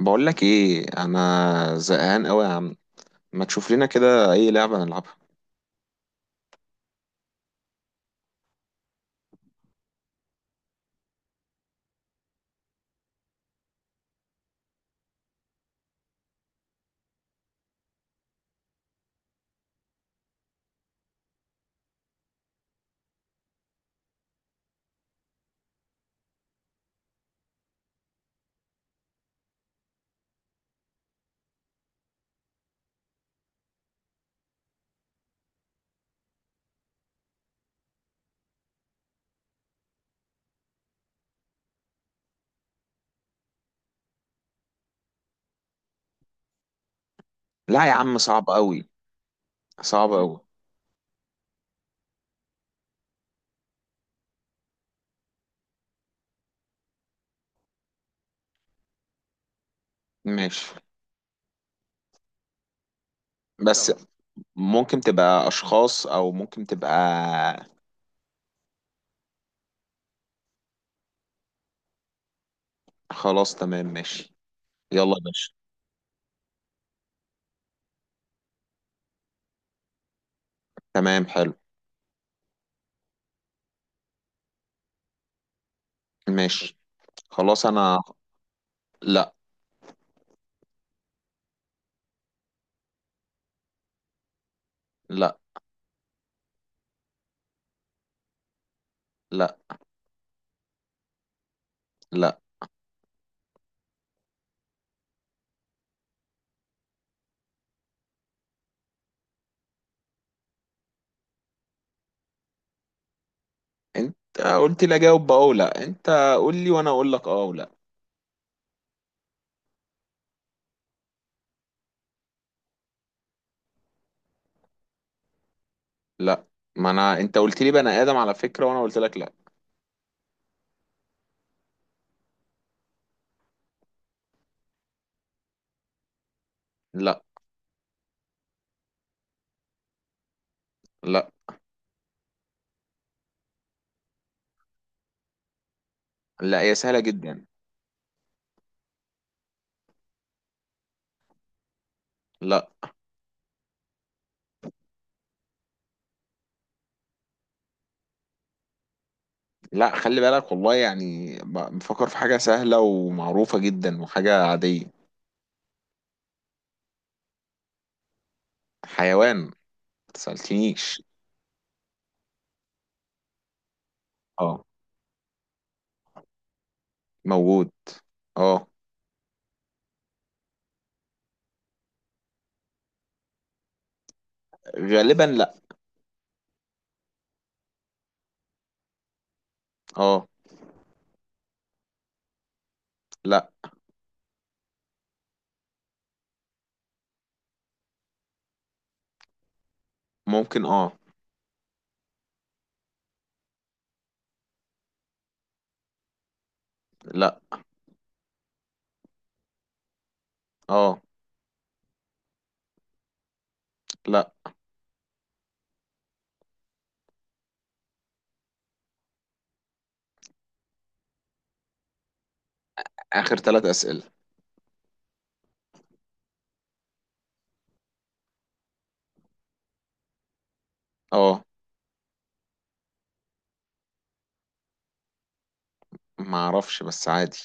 بقول لك ايه؟ انا زهقان قوي يا عم. ما تشوف لنا كده اي لعبه نلعبها؟ لا يا عم، صعب قوي. صعب قوي. ماشي. بس ممكن تبقى اشخاص او ممكن تبقى. خلاص تمام ماشي. يلا يا باشا. تمام حلو. ماشي. خلاص انا. لا، لا، لا، لا. انت قلت لي اجاوب بقى او لا. انت قول لي وانا اقول لك اه او لا. لا، ما انا انت قلت لي بني ادم على فكره وانا قلت لك لا. لا، لا. لا، هي سهله جدا. لا، لا، خلي بالك والله، يعني بفكر في حاجة سهلة ومعروفة جدا وحاجة عادية. حيوان ما تسألتنيش. اه، موجود. اه. غالبا لا. اه. لا. ممكن اه. لا. اه. لا. آخر ثلاث أسئلة. اه. ما اعرفش بس عادي.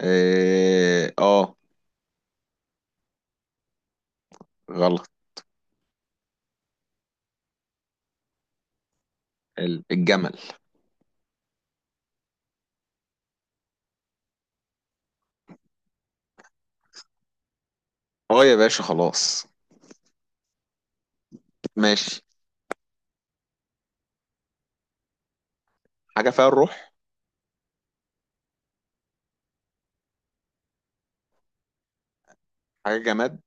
إيه، اه. غلط. الجمل. اه يا باشا، خلاص. ماشي. حاجة فيها الروح. حاجة جماد.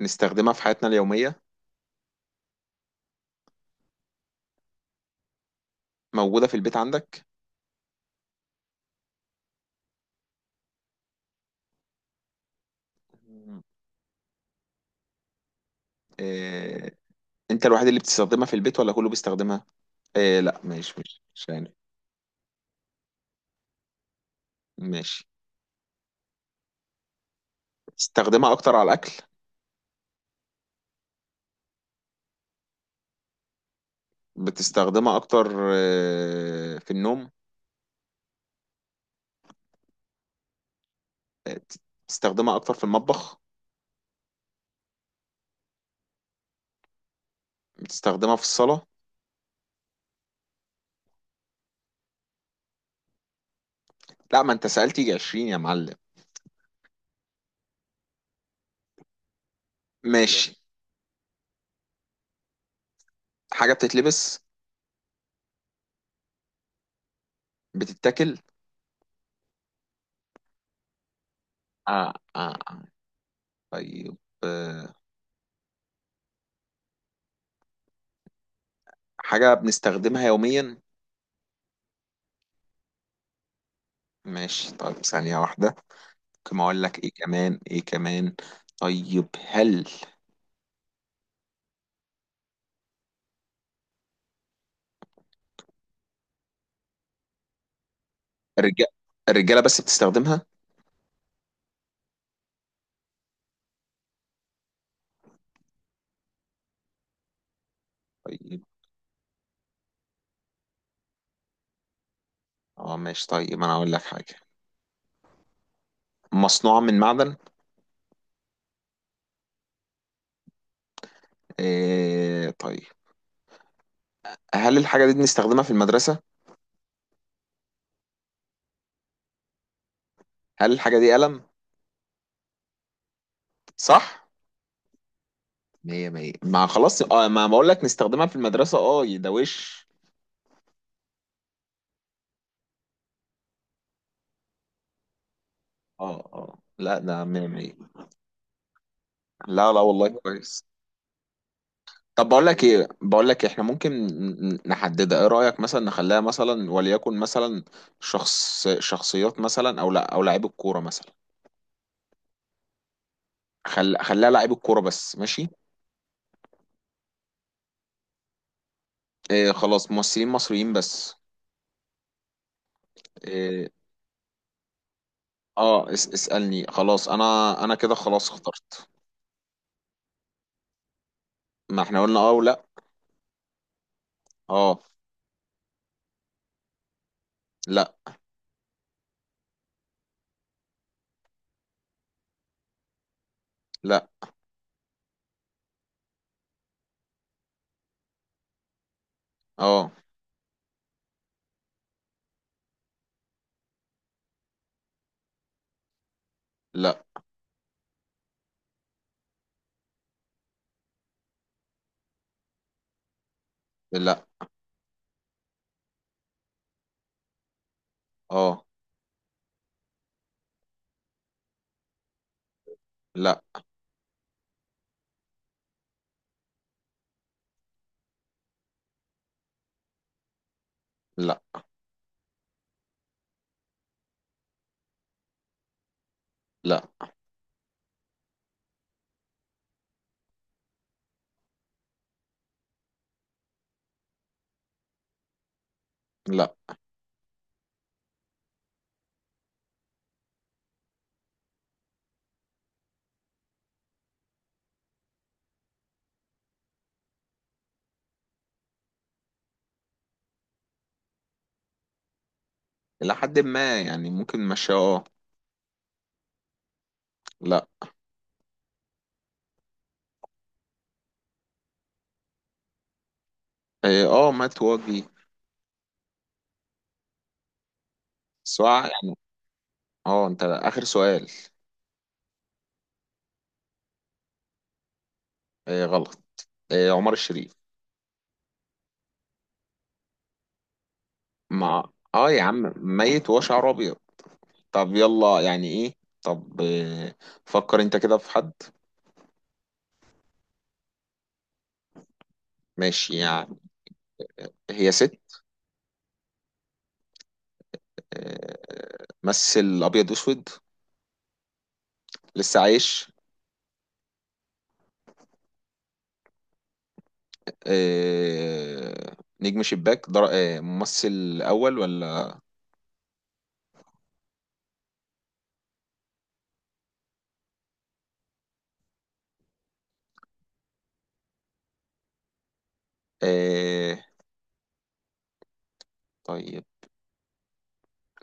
بنستخدمها في حياتنا اليومية. موجودة في البيت عندك. آه. انت الوحيد اللي بتستخدمها في البيت ولا كله بيستخدمها؟ إيه، لا، ماشي ماشي، مش يعني. ماشي. بتستخدمها اكتر على الاكل؟ بتستخدمها اكتر آه في النوم؟ آه. بتستخدمها اكتر في المطبخ؟ بتستخدمها في الصلاة؟ لا، ما انت سألت يجي 20 يا معلم. ماشي. حاجة بتتلبس؟ بتتاكل؟ آه آه آه. طيب. آه. حاجة بنستخدمها يوميا؟ ماشي طيب، ثانية واحدة. ممكن اقول لك ايه كمان ايه كمان. طيب، هل الرجال، الرجالة بس بتستخدمها؟ طيب، اه ماشي. طيب انا اقول لك حاجه مصنوعه من معدن. إيه طيب. هل الحاجه دي بنستخدمها في المدرسه؟ هل الحاجه دي قلم؟ صح. مية مية، ما خلاص اه، ما بقول لك نستخدمها في المدرسه اه، ده وش. اه اه، لا، ده مية مية. لا، لا، والله كويس. طب بقول لك ايه، بقول لك احنا ممكن نحددها. ايه رايك مثلا نخليها مثلا وليكن مثلا شخص، شخصيات مثلا، او لا او لاعيب الكوره مثلا. خليها لاعيب الكوره بس، ماشي. إيه خلاص، ممثلين مصريين بس. إيه اه، اسألني خلاص. انا انا كده خلاص اخترت. ما احنا قلنا اه ولا. اه. لا. لا. اه. لا. لا. اه. لا. لا. لا. لا. الى حد ما يعني، ممكن، ماشي اه. لا. إيه اه، مات وجدي سواء يعني. اه، انت اخر سؤال. إيه غلط. إيه، عمر الشريف. مع. اه يا عم، ميت وشعره ابيض. طب يلا، يعني ايه. طب إيه. فكر انت كده في حد. ماشي يعني. هي ست؟ آه. مثل ابيض واسود؟ لسه عايش؟ آه، نجم شباك آه، ممثل اول ولا؟ آه. طيب،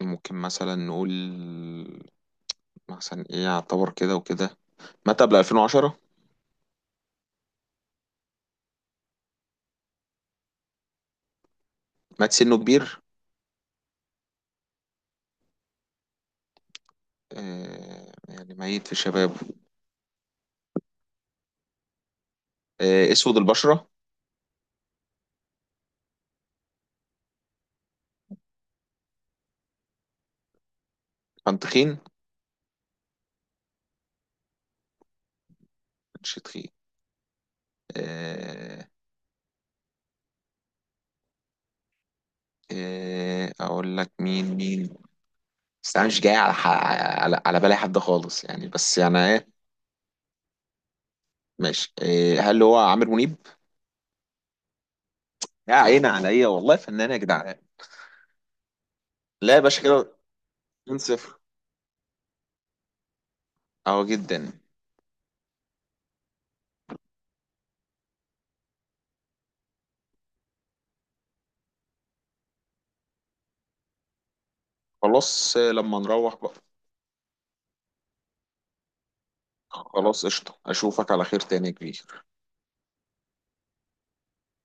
ممكن مثلا نقول مثلا ايه يعتبر كده وكده. مات قبل 2010؟ مات سنه كبير؟ آه، يعني ميت في شبابه؟ آه، اسود البشرة؟ كان تخين؟ كانش تخين. آه. آه، اقول لك مين مين. بس انا مش جاي على بالي حد خالص يعني، بس يعني. ماشي، إيه، هل هو عامر منيب؟ يا عيني عليا والله فنان يا جدعان. لا يا باشا، كده 2-0 اهو جدا. خلاص آه، لما نروح بقى. خلاص قشطة، اشوفك على خير تاني يا كبير.